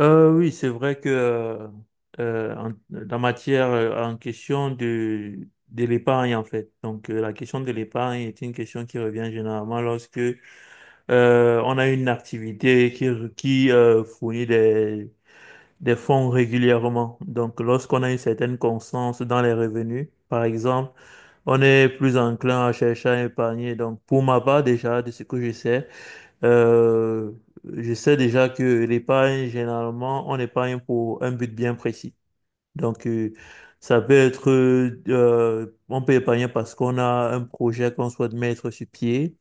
Oui, c'est vrai que la matière en question de l'épargne, en fait. Donc, la question de l'épargne est une question qui revient généralement lorsque on a une activité qui, qui fournit des fonds régulièrement. Donc, lorsqu'on a une certaine constance dans les revenus, par exemple, on est plus enclin à chercher à épargner. Donc, pour ma part, déjà, de ce que euh, je sais déjà que l'épargne, généralement, on épargne pour un but bien précis. Donc, ça peut être, on peut épargner parce qu'on a un projet qu'on souhaite mettre sur pied.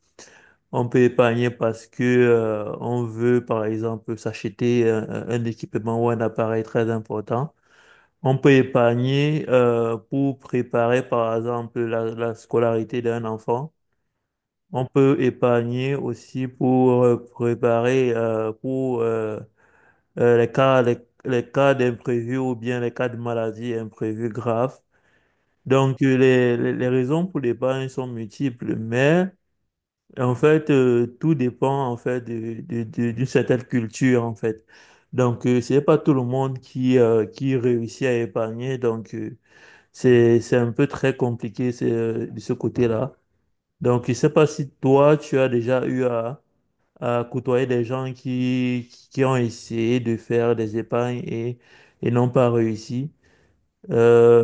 On peut épargner parce que, on veut, par exemple, s'acheter un équipement ou un appareil très important. On peut épargner, pour préparer, par exemple, la scolarité d'un enfant. On peut épargner aussi pour préparer pour les les, cas d'imprévus ou bien les cas de maladie imprévus graves. Donc les, les raisons pour l'épargne sont multiples, mais en fait tout dépend en fait de, d'une certaine culture en fait. Donc c'est pas tout le monde qui réussit à épargner, donc c'est un peu très compliqué c'est, de ce côté-là. Donc je sais pas si toi tu as déjà eu à côtoyer des gens qui ont essayé de faire des épargnes et n'ont pas réussi. Euh,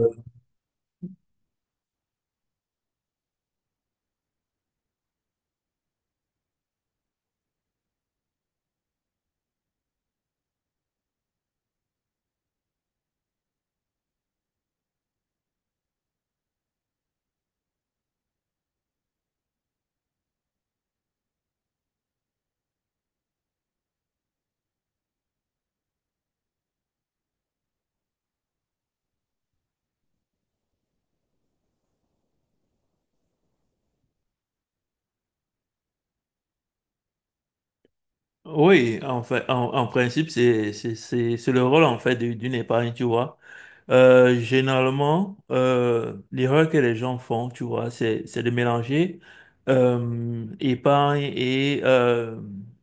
oui, en fait, en, en principe, c'est le rôle en fait d'une épargne, tu vois. Généralement, l'erreur que les gens font, tu vois, c'est de mélanger épargne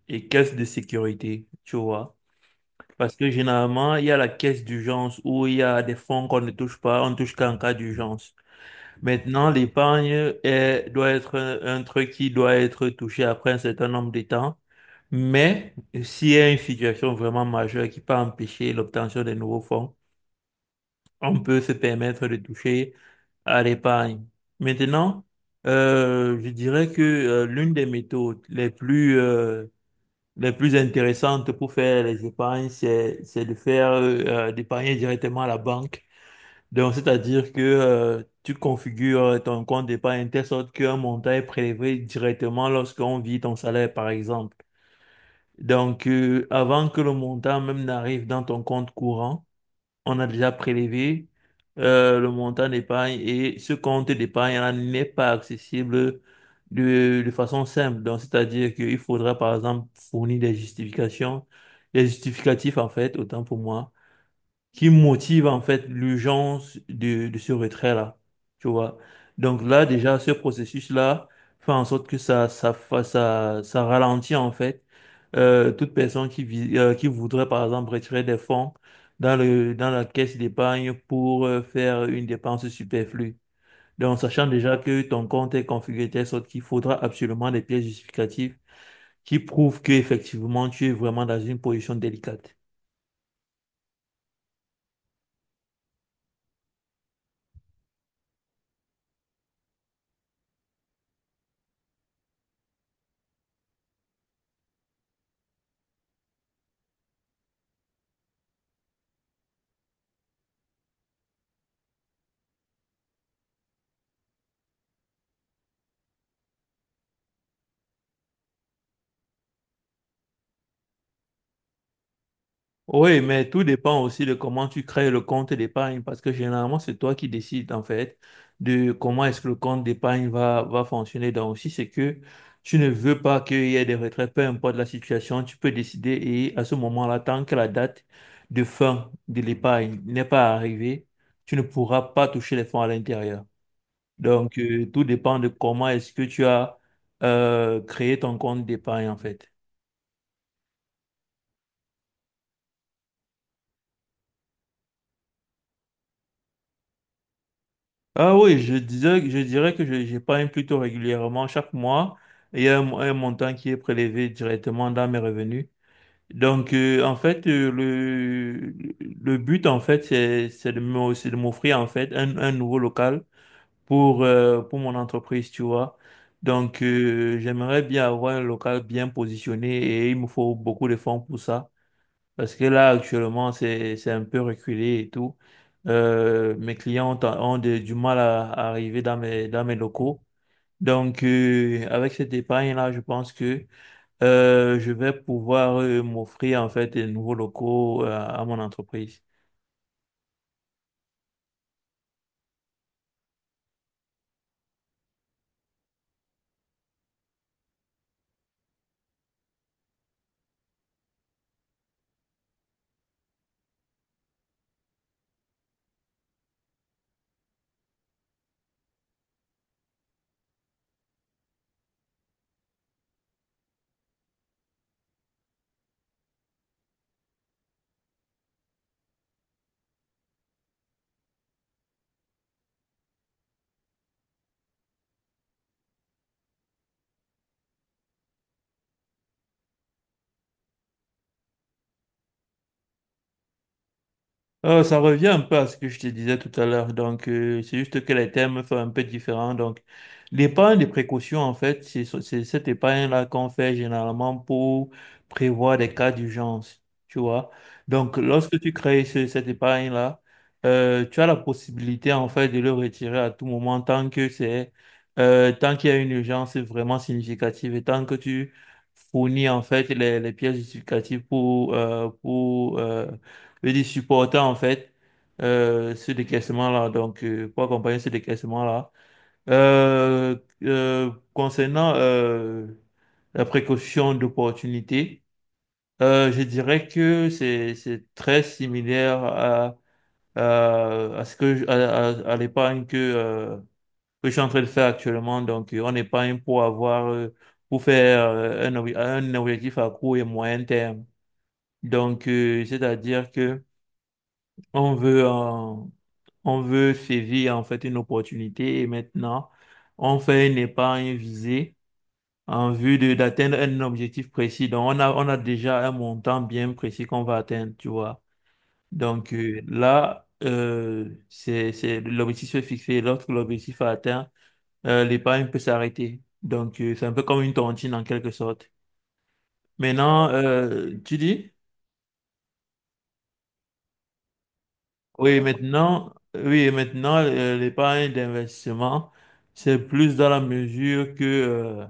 et caisse de sécurité, tu vois. Parce que généralement, il y a la caisse d'urgence où il y a des fonds qu'on ne touche pas, on ne touche qu'en cas d'urgence. Maintenant, l'épargne doit être un truc qui doit être touché après un certain nombre de temps. Mais s'il y a une situation vraiment majeure qui peut empêcher l'obtention des nouveaux fonds, on peut se permettre de toucher à l'épargne. Maintenant, je dirais que l'une des méthodes les plus intéressantes pour faire les épargnes, c'est de faire, d'épargner directement à la banque, donc, c'est-à-dire que tu configures ton compte d'épargne de telle sorte qu'un montant est prélevé directement lorsqu'on vit ton salaire, par exemple. Donc, avant que le montant même n'arrive dans ton compte courant, on a déjà prélevé le montant d'épargne et ce compte d'épargne-là n'est pas accessible de façon simple. Donc, c'est-à-dire qu'il faudra, par exemple, fournir des justifications, des justificatifs, en fait, autant pour moi qui motive en fait l'urgence de ce retrait-là, tu vois. Donc là, déjà, ce processus-là fait en sorte que ça ralentit en fait toute personne qui, qui voudrait par exemple retirer des fonds dans le, dans la caisse d'épargne pour faire une dépense superflue. Donc, sachant déjà que ton compte est configuré de telle sorte qu'il faudra absolument des pièces justificatives qui prouvent qu'effectivement tu es vraiment dans une position délicate. Oui, mais tout dépend aussi de comment tu crées le compte d'épargne parce que généralement, c'est toi qui décides en fait de comment est-ce que le compte d'épargne va, va fonctionner. Donc, si c'est que tu ne veux pas qu'il y ait des retraits, peu importe la situation, tu peux décider et à ce moment-là, tant que la date de fin de l'épargne n'est pas arrivée, tu ne pourras pas toucher les fonds à l'intérieur. Donc, tout dépend de comment est-ce que tu as créé ton compte d'épargne en fait. Ah oui, je disais, je dirais que j'épargne plutôt régulièrement chaque mois. Il y a un montant qui est prélevé directement dans mes revenus. Donc, en fait, le but, en fait, c'est de c'est de m'offrir, en fait, un nouveau local pour mon entreprise, tu vois. Donc, j'aimerais bien avoir un local bien positionné et il me faut beaucoup de fonds pour ça. Parce que là, actuellement, c'est un peu reculé et tout. Mes clients ont, ont du mal à arriver dans mes locaux. Donc, avec cette épargne-là, je pense que je vais pouvoir m'offrir en fait des nouveaux locaux à mon entreprise. Ça revient un peu à ce que je te disais tout à l'heure. Donc, c'est juste que les thèmes sont un peu différents. Donc, l'épargne de précaution, en fait, c'est cette épargne-là qu'on fait généralement pour prévoir des cas d'urgence. Tu vois? Donc, lorsque tu crées cette épargne-là, tu as la possibilité, en fait, de le retirer à tout moment tant que c'est, tant qu'il y a une urgence vraiment significative et tant que tu fournis, en fait, les pièces justificatives pour, et des supportants en fait ce décaissement-là. Donc, pour accompagner ce décaissement-là. Euh, Concernant la précaution d'opportunité, je dirais que c'est très similaire à ce que à l'épargne que je suis en train de faire actuellement. Donc, on épargne pour avoir pour faire un, un objectif à court et moyen terme. Donc, c'est-à-dire que on veut on veut saisir en fait une opportunité et maintenant, on fait une épargne visée en vue de d'atteindre un objectif précis. Donc, on a déjà un montant bien précis qu'on va atteindre, tu vois. Donc là, l'objectif est fixé. Lorsque l'objectif est atteint, l'épargne peut s'arrêter. Donc, c'est un peu comme une tontine en quelque sorte. Maintenant, tu dis? Oui, maintenant, oui, et maintenant, l'épargne d'investissement, c'est plus dans la mesure que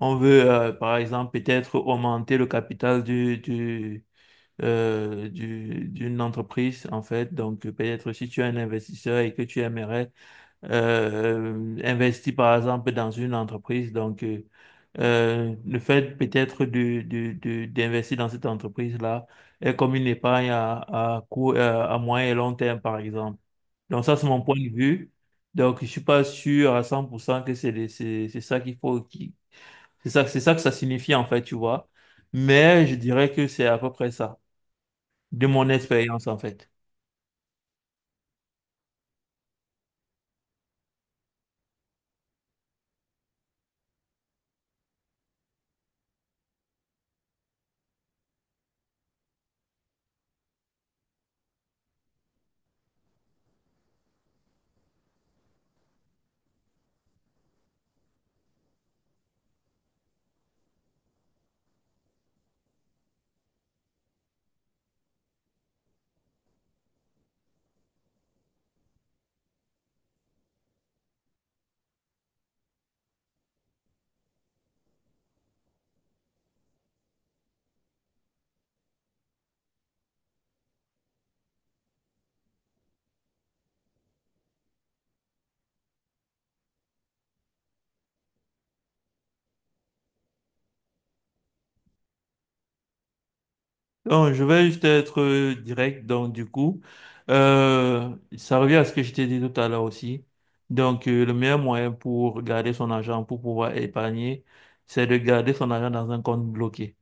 on veut, par exemple, peut-être augmenter le capital du, d'une entreprise, en fait. Donc, peut-être si tu es un investisseur et que tu aimerais investi par exemple dans une entreprise. Donc, le fait peut-être de, d'investir dans cette entreprise-là est comme une épargne à court, à moyen et long terme, par exemple. Donc, ça, c'est mon point de vue. Donc, je suis pas sûr à 100% que c'est ça qu'il faut, qui, c'est ça que ça signifie, en fait, tu vois. Mais je dirais que c'est à peu près ça, de mon expérience, en fait. Non, je vais juste être direct. Donc, du coup, ça revient à ce que je t'ai dit tout à l'heure aussi. Donc, le meilleur moyen pour garder son argent, pour pouvoir épargner, c'est de garder son argent dans un compte bloqué.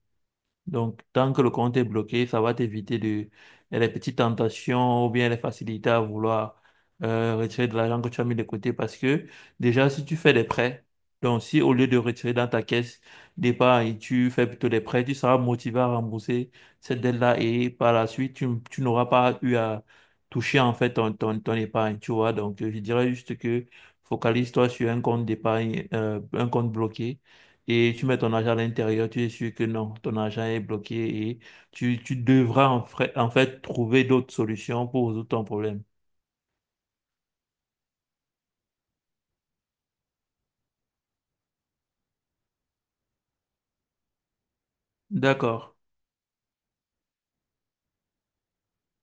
Donc, tant que le compte est bloqué, ça va t'éviter de, les petites tentations ou bien les facilités à vouloir retirer de l'argent que tu as mis de côté. Parce que déjà, si tu fais des prêts, donc si au lieu de retirer dans ta caisse départ et tu fais plutôt des prêts, tu seras motivé à rembourser cette dette-là et par la suite, tu n'auras pas eu à toucher en fait ton, ton, ton épargne, tu vois. Donc, je dirais juste que focalise-toi sur un compte d'épargne, un compte bloqué et tu mets ton argent à l'intérieur, tu es sûr que non, ton argent est bloqué et tu devras en fait trouver d'autres solutions pour résoudre ton problème. D'accord.